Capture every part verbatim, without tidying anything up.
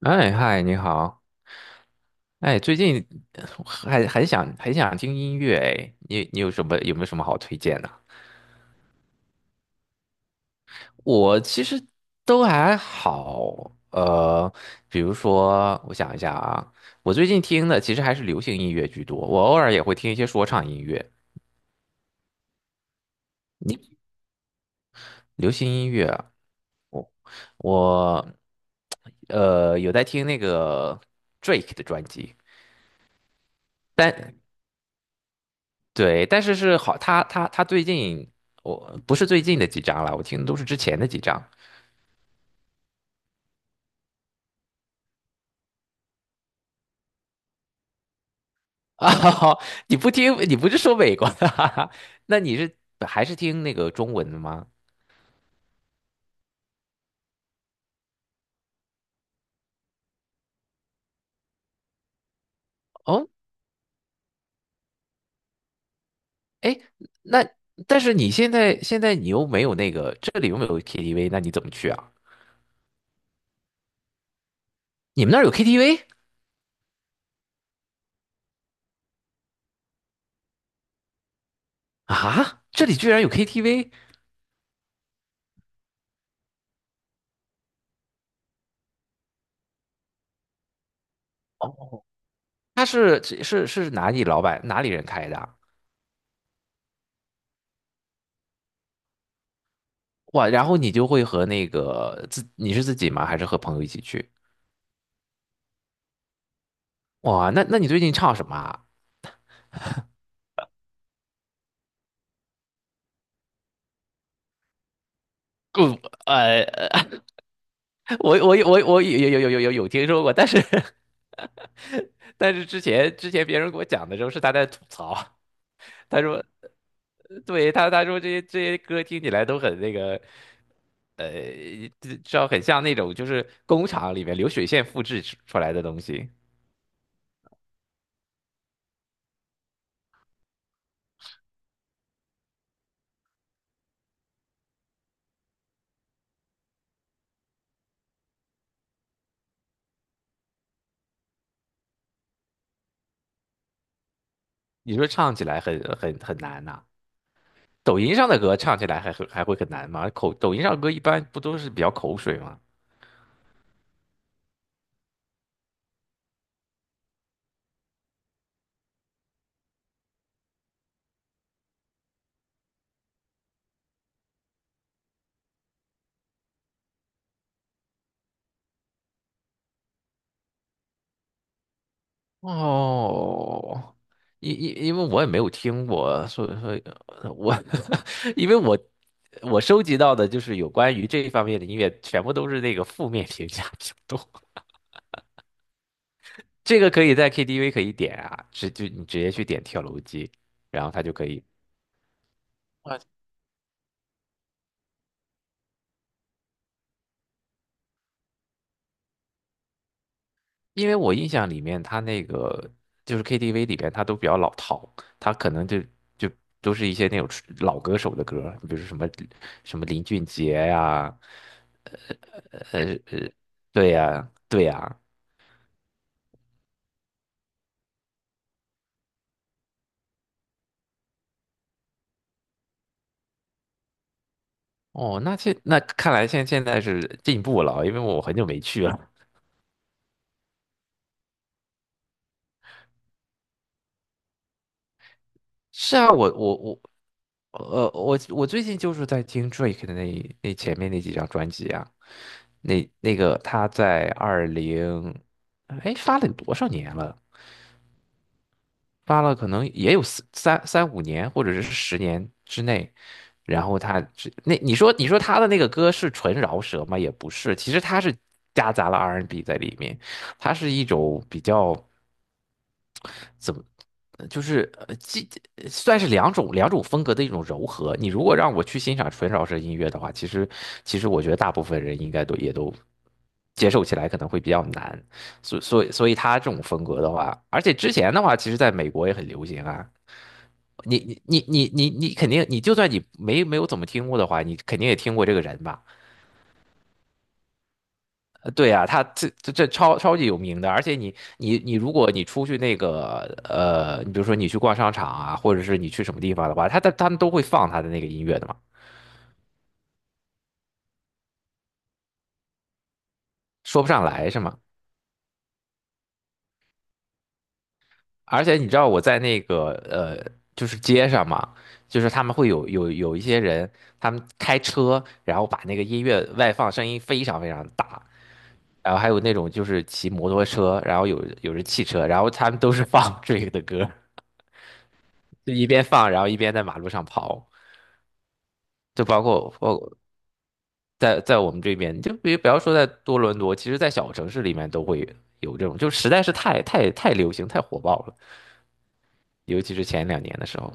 哎，嗨，你好。哎，最近呃还很想很想听音乐哎，你你有什么有没有什么好推荐的？我其实都还好，呃，比如说我想一下啊，我最近听的其实还是流行音乐居多，我偶尔也会听一些说唱音乐。你流行音乐啊，我呃有在听那个 Drake 的专辑。但对，但是是好，他他他最近，我不是最近的几张了，我听的都是之前的几张啊。你不听，你不是说美国的哈哈，那你是还是听那个中文的吗？哦，哎，那但是你现在现在你又没有那个，这里又没有 K T V，那你怎么去啊？你们那儿有 K T V 啊？这里居然有 K T V？哦，他是是是哪里老板哪里人开的啊。哇，然后你就会和那个自你是自己吗？还是和朋友一起去？哇，那那你最近唱什么啊？嗯，呃，我我我我有有有有有有听说过，但是 但是之前之前别人给我讲的时候是他在吐槽。他说，呃对他他说这些这些歌听起来都很那个，呃，知知道很像那种就是工厂里面流水线复制出出来的东西。你说唱起来很很很难呐、抖音上的歌唱起来还很还会很难吗？口抖音上歌一般不都是比较口水吗？哦，因因因为我也没有听过，所以所以呃我 因为我我收集到的就是有关于这一方面的音乐，全部都是那个负面评价比较多。这个可以在 K T V 可以点啊，直就你直接去点跳楼机，然后它就可以。啊，因为我印象里面，它那个就是 K T V 里边，它都比较老套，它可能就就都是一些那种老歌手的歌，比如说什么什么林俊杰呀、呃呃，对呀，对呀。哦，那现那看来现现在是进步了啊，因为我很久没去了。是啊，我我我呃我我最近就是在听 Drake 的那那前面那几张专辑啊。那那个他在二零哎，发了多少年了？发了可能也有四三三五年或者是十年之内。然后他只那你说你说他的那个歌是纯饶舌吗？也不是，其实他是夹杂了 R and B N 在里面，它是一种比较怎么。呃就是呃，既呃算是两种两种风格的一种柔和。你如果让我去欣赏纯饶舌音乐的话，其实其实我觉得大部分人应该都也都接受起来可能会比较难。所所以所以他这种风格的话，而且之前的话，其实在美国也很流行啊。你你你你你你肯定，你就算你没没有怎么听过的话，你肯定也听过这个人吧？呃对啊，他这这这超超级有名的，而且你你你，如果你出去那个呃，你比如说你去逛商场啊，或者是你去什么地方的话，他他他们都会放他的那个音乐的嘛。说不上来是吗？而且你知道我在那个呃，就是街上嘛，就是他们会有有有一些人，他们开车，然后把那个音乐外放，声音非常非常大。然后还有那种就是骑摩托车，然后有有人汽车，然后他们都是放 这个的歌，就一边放，然后一边在马路上跑，就包括我在在我们这边，你就别不要说在多伦多。其实在小城市里面都会有这种，就实在是太太太流行、太火爆了，尤其是前两年的时候。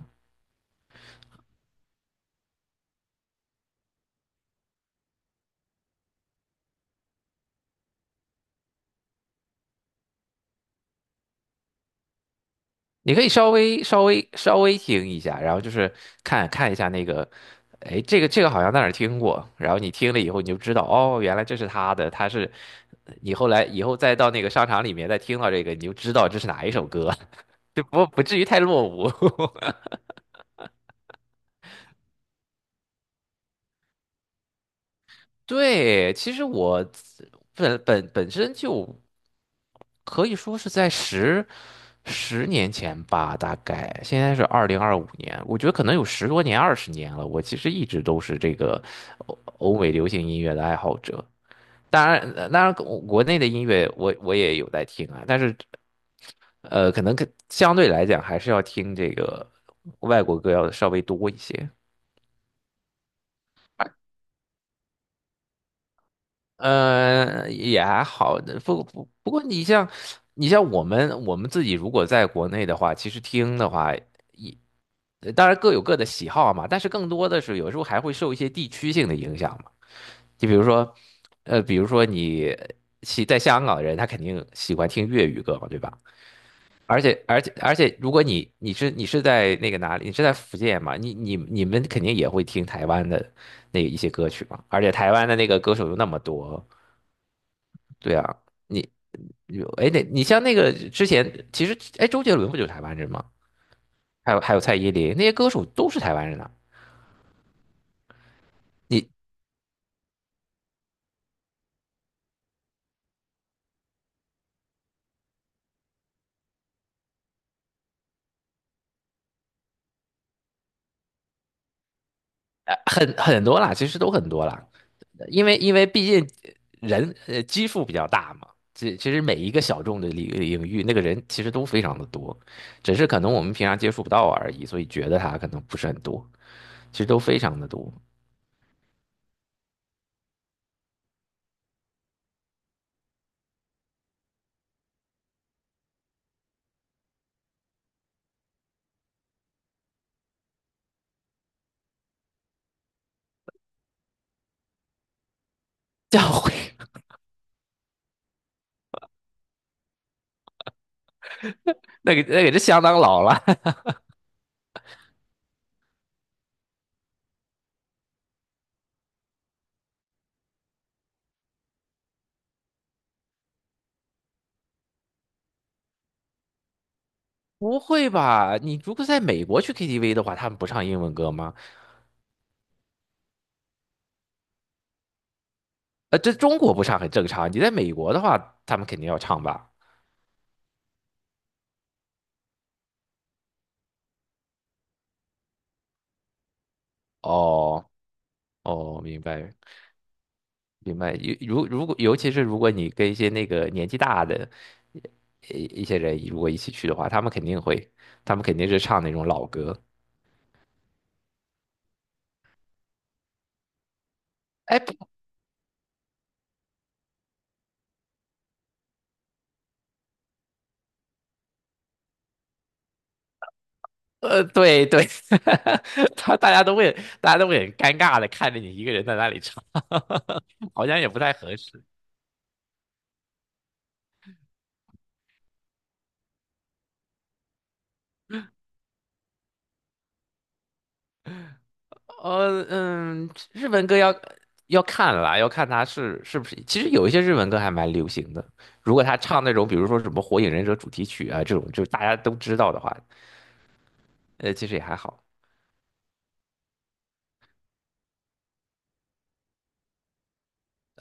你可以稍微稍微稍微听一下，然后就是看看一下那个，哎，这个这个好像在哪儿听过，然后你听了以后你就知道，哦，原来这是他的，他是你后来以后再到那个商场里面再听到这个，你就知道这是哪一首歌，就不不至于太落伍。对，其实我本本本身就可以说是在十十年前吧，大概现在是二零二五年，我觉得可能有十多年、二十年了。我其实一直都是这个欧欧美流行音乐的爱好者。当然，呃当然，国国内的音乐我我也有在听啊，但是呃，可能可相对来讲还是要听这个外国歌要稍微多一些。呃，也还好，不不不过你像你像我们我们自己如果在国内的话，其实听的话也当然各有各的喜好嘛，但是更多的是有时候还会受一些地区性的影响嘛。就比如说，呃，比如说你喜在香港的人，他肯定喜欢听粤语歌嘛，对吧？而且而且而且，如果你你是你是在那个哪里，你是在福建嘛？你你你们肯定也会听台湾的那一些歌曲嘛。而且台湾的那个歌手有那么多。对啊，你你哎，那你像那个之前，其实哎，周杰伦不就是台湾人吗？还有还有蔡依林那些歌手都是台湾人啊。你很很多啦，其实都很多啦。因为因为毕竟人呃基数比较大嘛，其其实每一个小众的领领域，那个人其实都非常的多，只是可能我们平常接触不到而已，所以觉得他可能不是很多。其实都非常的多。教会 那个那个是相当老了。不会吧？你如果在美国去 K T V 的话，他们不唱英文歌吗？呃，这中国不唱很正常，你在美国的话，他们肯定要唱吧？哦。哦，明白。明白。尤如如果尤其是如果你跟一些那个年纪大的一一些人如果一起去的话，他们肯定会，他们肯定是唱那种老歌。哎，不呃，对对，他大家都会，大家都会很尴尬的看着你一个人在那里唱，好像也不太合适。呃嗯，日文歌要要看啦，要看他是是不是。其实有一些日文歌还蛮流行的，如果他唱那种比如说什么《火影忍者》主题曲啊这种，就大家都知道的话，呃，其实也还好。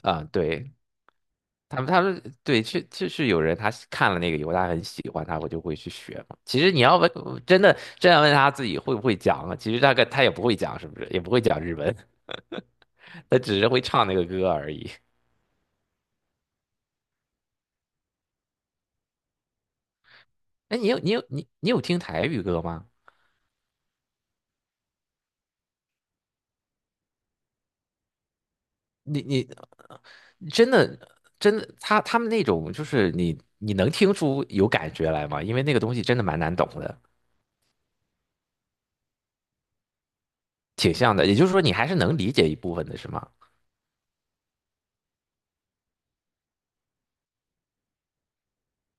啊、对，他们他们对，是就是有人他是看了那个以后，他很喜欢，他我就会去学嘛。其实你要问，真的真要问他自己会不会讲啊，其实大概他也不会讲，是不是？也不会讲日文，他只是会唱那个歌而已。哎，你有你有你你有听台语歌吗？你你真的真的，他他们那种就是你你能听出有感觉来吗？因为那个东西真的蛮难懂的。挺像的。也就是说，你还是能理解一部分的，是吗？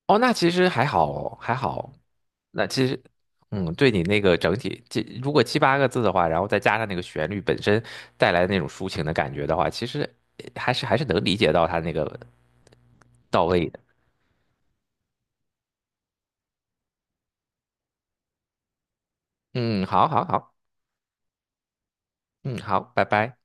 哦，那其实还好哦还好。那其实，嗯，对你那个整体，这如果七八个字的话，然后再加上那个旋律本身带来的那种抒情的感觉的话，其实呃还是还是能理解到他那个到位的。嗯，好，好，好。嗯，好，拜拜。